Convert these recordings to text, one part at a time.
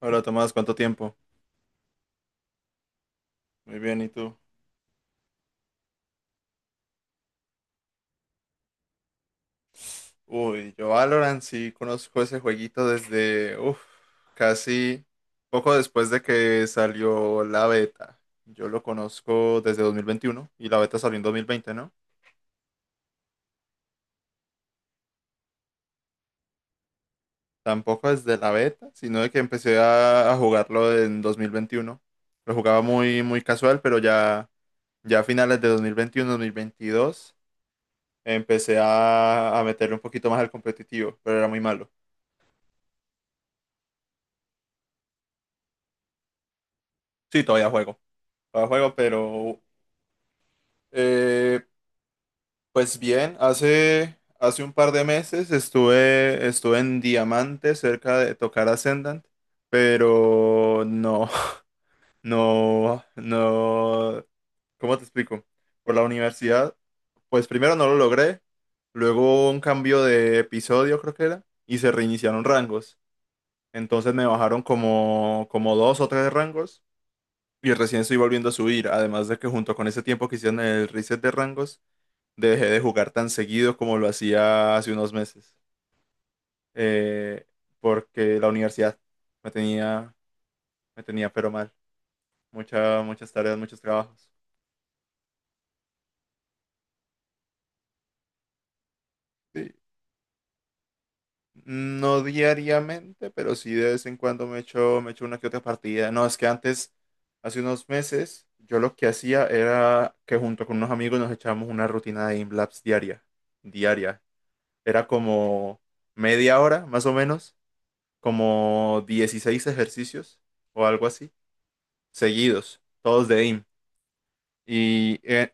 Hola Tomás, ¿cuánto tiempo? Muy bien, ¿y tú? Uy, yo Valorant sí conozco ese jueguito desde, uff, casi poco después de que salió la beta. Yo lo conozco desde 2021 y la beta salió en 2020, ¿no? Tampoco desde la beta, sino de que empecé a jugarlo en 2021. Lo jugaba muy, muy casual, pero ya a finales de 2021, 2022, empecé a meterle un poquito más al competitivo, pero era muy malo. Sí, todavía juego. Todavía juego, pero... Eh, pues bien, hace un par de meses estuve en Diamante cerca de tocar Ascendant, pero no, no, no, ¿cómo te explico? Por la universidad, pues primero no lo logré, luego un cambio de episodio creo que era, y se reiniciaron rangos. Entonces me bajaron como dos o tres rangos y recién estoy volviendo a subir, además de que junto con ese tiempo que hicieron el reset de rangos dejé de jugar tan seguido como lo hacía hace unos meses, eh, porque la universidad me tenía, me tenía pero mal, muchas, muchas tareas, muchos trabajos. Sí. No diariamente, pero sí de vez en cuando me echo una que otra partida. No, es que antes, hace unos meses, yo lo que hacía era que junto con unos amigos nos echábamos una rutina de Imlabs diaria, diaria. Era como media hora, más o menos, como 16 ejercicios o algo así, seguidos, todos de AIM. Y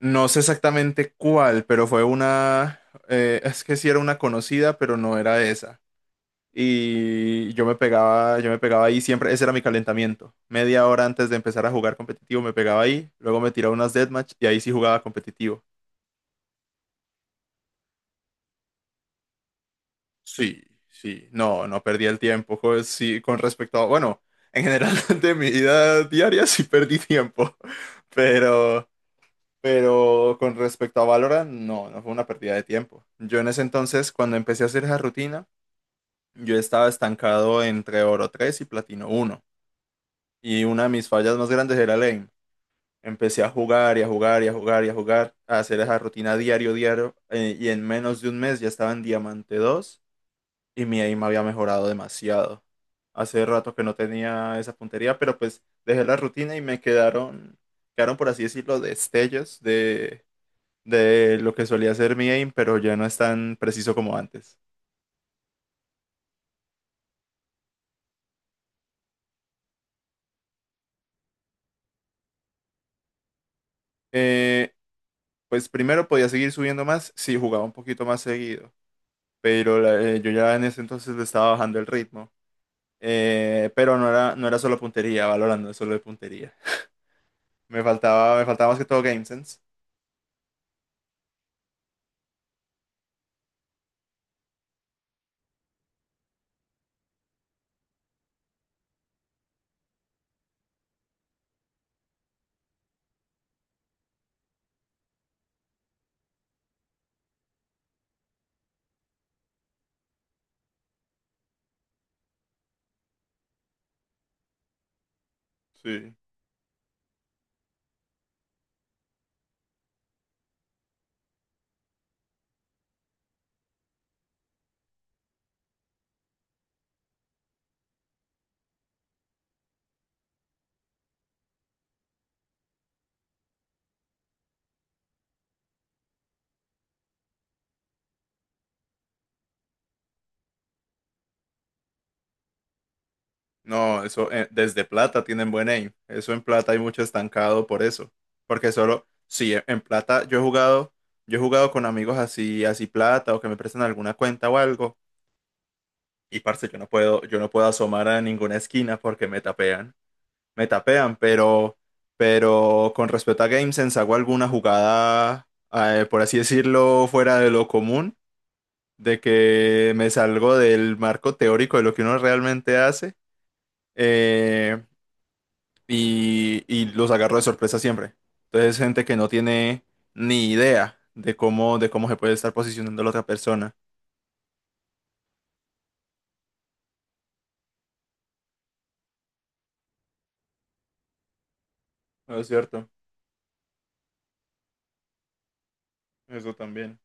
no sé exactamente cuál, pero fue una, es que sí era una conocida, pero no era esa. Y yo me pegaba ahí siempre, ese era mi calentamiento. Media hora antes de empezar a jugar competitivo me pegaba ahí, luego me tiraba unas deathmatch y ahí sí jugaba competitivo. Sí, sí, no, no perdí el tiempo, sí, con respecto a, bueno, en general de mi vida diaria sí perdí tiempo, pero... Pero con respecto a Valorant, no, no fue una pérdida de tiempo. Yo en ese entonces, cuando empecé a hacer esa rutina, yo estaba estancado entre Oro 3 y Platino uno. Y una de mis fallas más grandes era el aim. Empecé a jugar y a jugar y a jugar y a jugar, a hacer esa rutina diario, diario. Y en menos de un mes ya estaba en Diamante 2 y mi aim había mejorado demasiado. Hace rato que no tenía esa puntería, pero pues dejé la rutina y quedaron, por así decirlo, destellos de lo que solía ser mi aim, pero ya no es tan preciso como antes. Eh, pues primero podía seguir subiendo más si jugaba un poquito más seguido, pero yo ya en ese entonces le estaba bajando el ritmo. Pero no era solo puntería, valorando no es solo de puntería. Me faltaba más que todo game sense. Sí. No, eso, desde plata tienen buen aim. Eso en plata hay mucho estancado por eso. Porque solo, sí, en plata yo he jugado con amigos así, así plata o que me prestan alguna cuenta o algo. Y parce, yo no puedo asomar a ninguna esquina porque me tapean. Me tapean, pero con respecto a GameSense, ¿hago alguna jugada, por así decirlo, fuera de lo común? De que me salgo del marco teórico de lo que uno realmente hace, eh, y los agarro de sorpresa siempre. Entonces, gente que no tiene ni idea de cómo se puede estar posicionando la otra persona. No es cierto, eso también.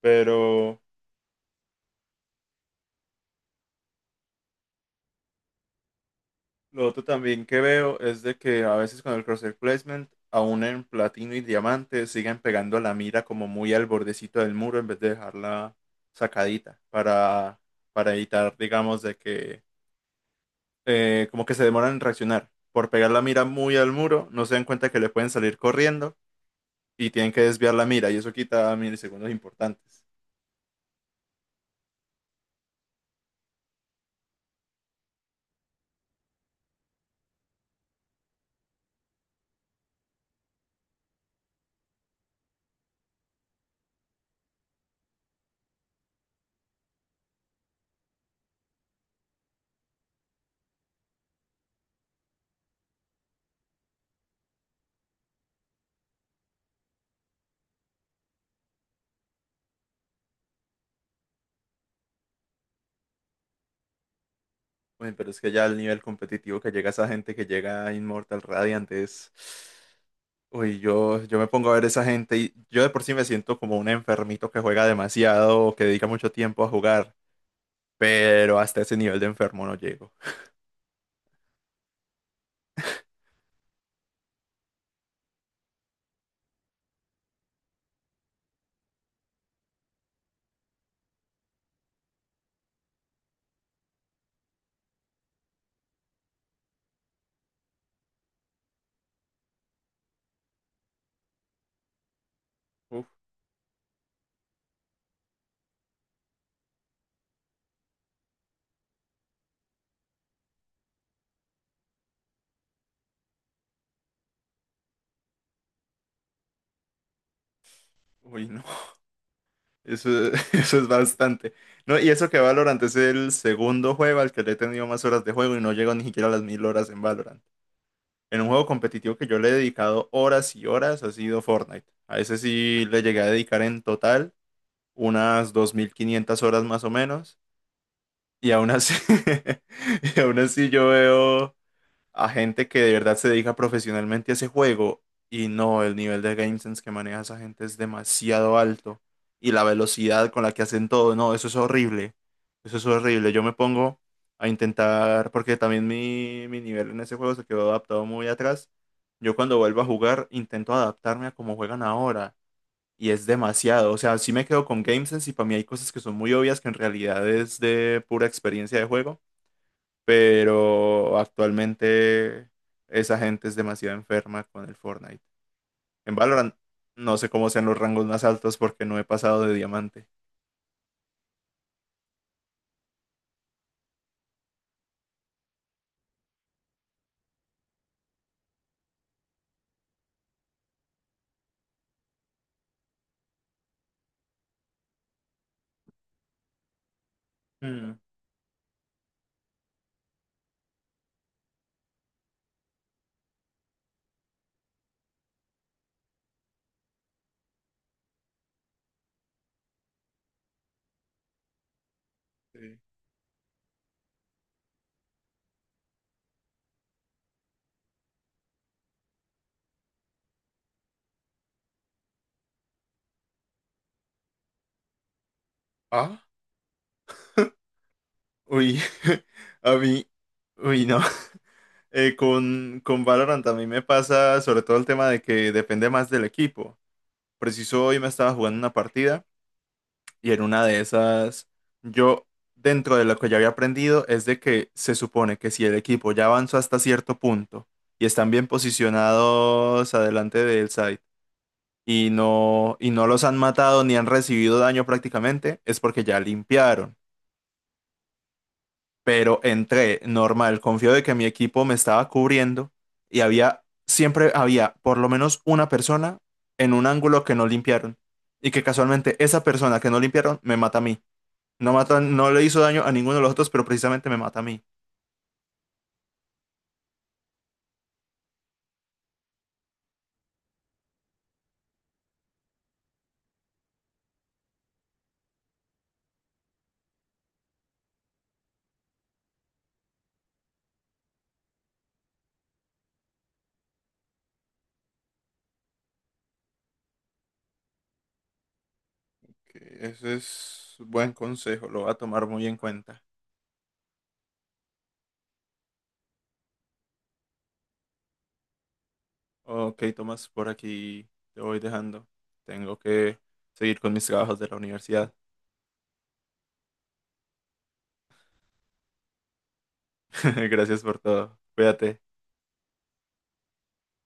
Pero... Lo otro también que veo es de que a veces con el crosshair placement, aún en platino y diamante, siguen pegando la mira como muy al bordecito del muro en vez de dejarla sacadita para evitar, digamos, de que, como que se demoran en reaccionar. Por pegar la mira muy al muro, no se dan cuenta que le pueden salir corriendo y tienen que desviar la mira y eso quita milisegundos importantes. Uy, pero es que ya el nivel competitivo que llega esa gente que llega a Immortal Radiant es... Uy, yo me pongo a ver esa gente y yo de por sí me siento como un enfermito que juega demasiado o que dedica mucho tiempo a jugar, pero hasta ese nivel de enfermo no llego. Uf, uy, no, eso, eso es bastante. No, y eso que Valorant es el segundo juego al que le he tenido más horas de juego y no llego ni siquiera a las 1000 horas en Valorant. En un juego competitivo que yo le he dedicado horas y horas ha sido Fortnite. A ese sí le llegué a dedicar en total unas 2500 horas más o menos. Y aún así, y aún así yo veo a gente que de verdad se dedica profesionalmente a ese juego y no, el nivel de game sense que maneja esa gente es demasiado alto y la velocidad con la que hacen todo, no, eso es horrible, eso es horrible. Yo me pongo a intentar, porque también mi nivel en ese juego se quedó adaptado muy atrás. Yo cuando vuelvo a jugar intento adaptarme a cómo juegan ahora y es demasiado. O sea, sí me quedo con GameSense y para mí hay cosas que son muy obvias que en realidad es de pura experiencia de juego. Pero actualmente esa gente es demasiado enferma con el Fortnite. En Valorant no sé cómo sean los rangos más altos porque no he pasado de diamante. Mm, sí. Ah, uy, a mí, uy, no. Con Valorant a mí me pasa sobre todo el tema de que depende más del equipo. Preciso hoy me estaba jugando una partida. Y en una de esas, yo, dentro de lo que ya había aprendido, es de que se supone que si el equipo ya avanzó hasta cierto punto y están bien posicionados adelante del site y no los han matado ni han recibido daño prácticamente, es porque ya limpiaron. Pero entré normal, confío de que mi equipo me estaba cubriendo y había, siempre había por lo menos una persona en un ángulo que no limpiaron y que casualmente esa persona que no limpiaron me mata a mí. No mata, no le hizo daño a ninguno de los otros, pero precisamente me mata a mí. Ok, ese es buen consejo, lo voy a tomar muy en cuenta. Ok, Tomás, por aquí te voy dejando. Tengo que seguir con mis trabajos de la universidad. Gracias por todo. Cuídate.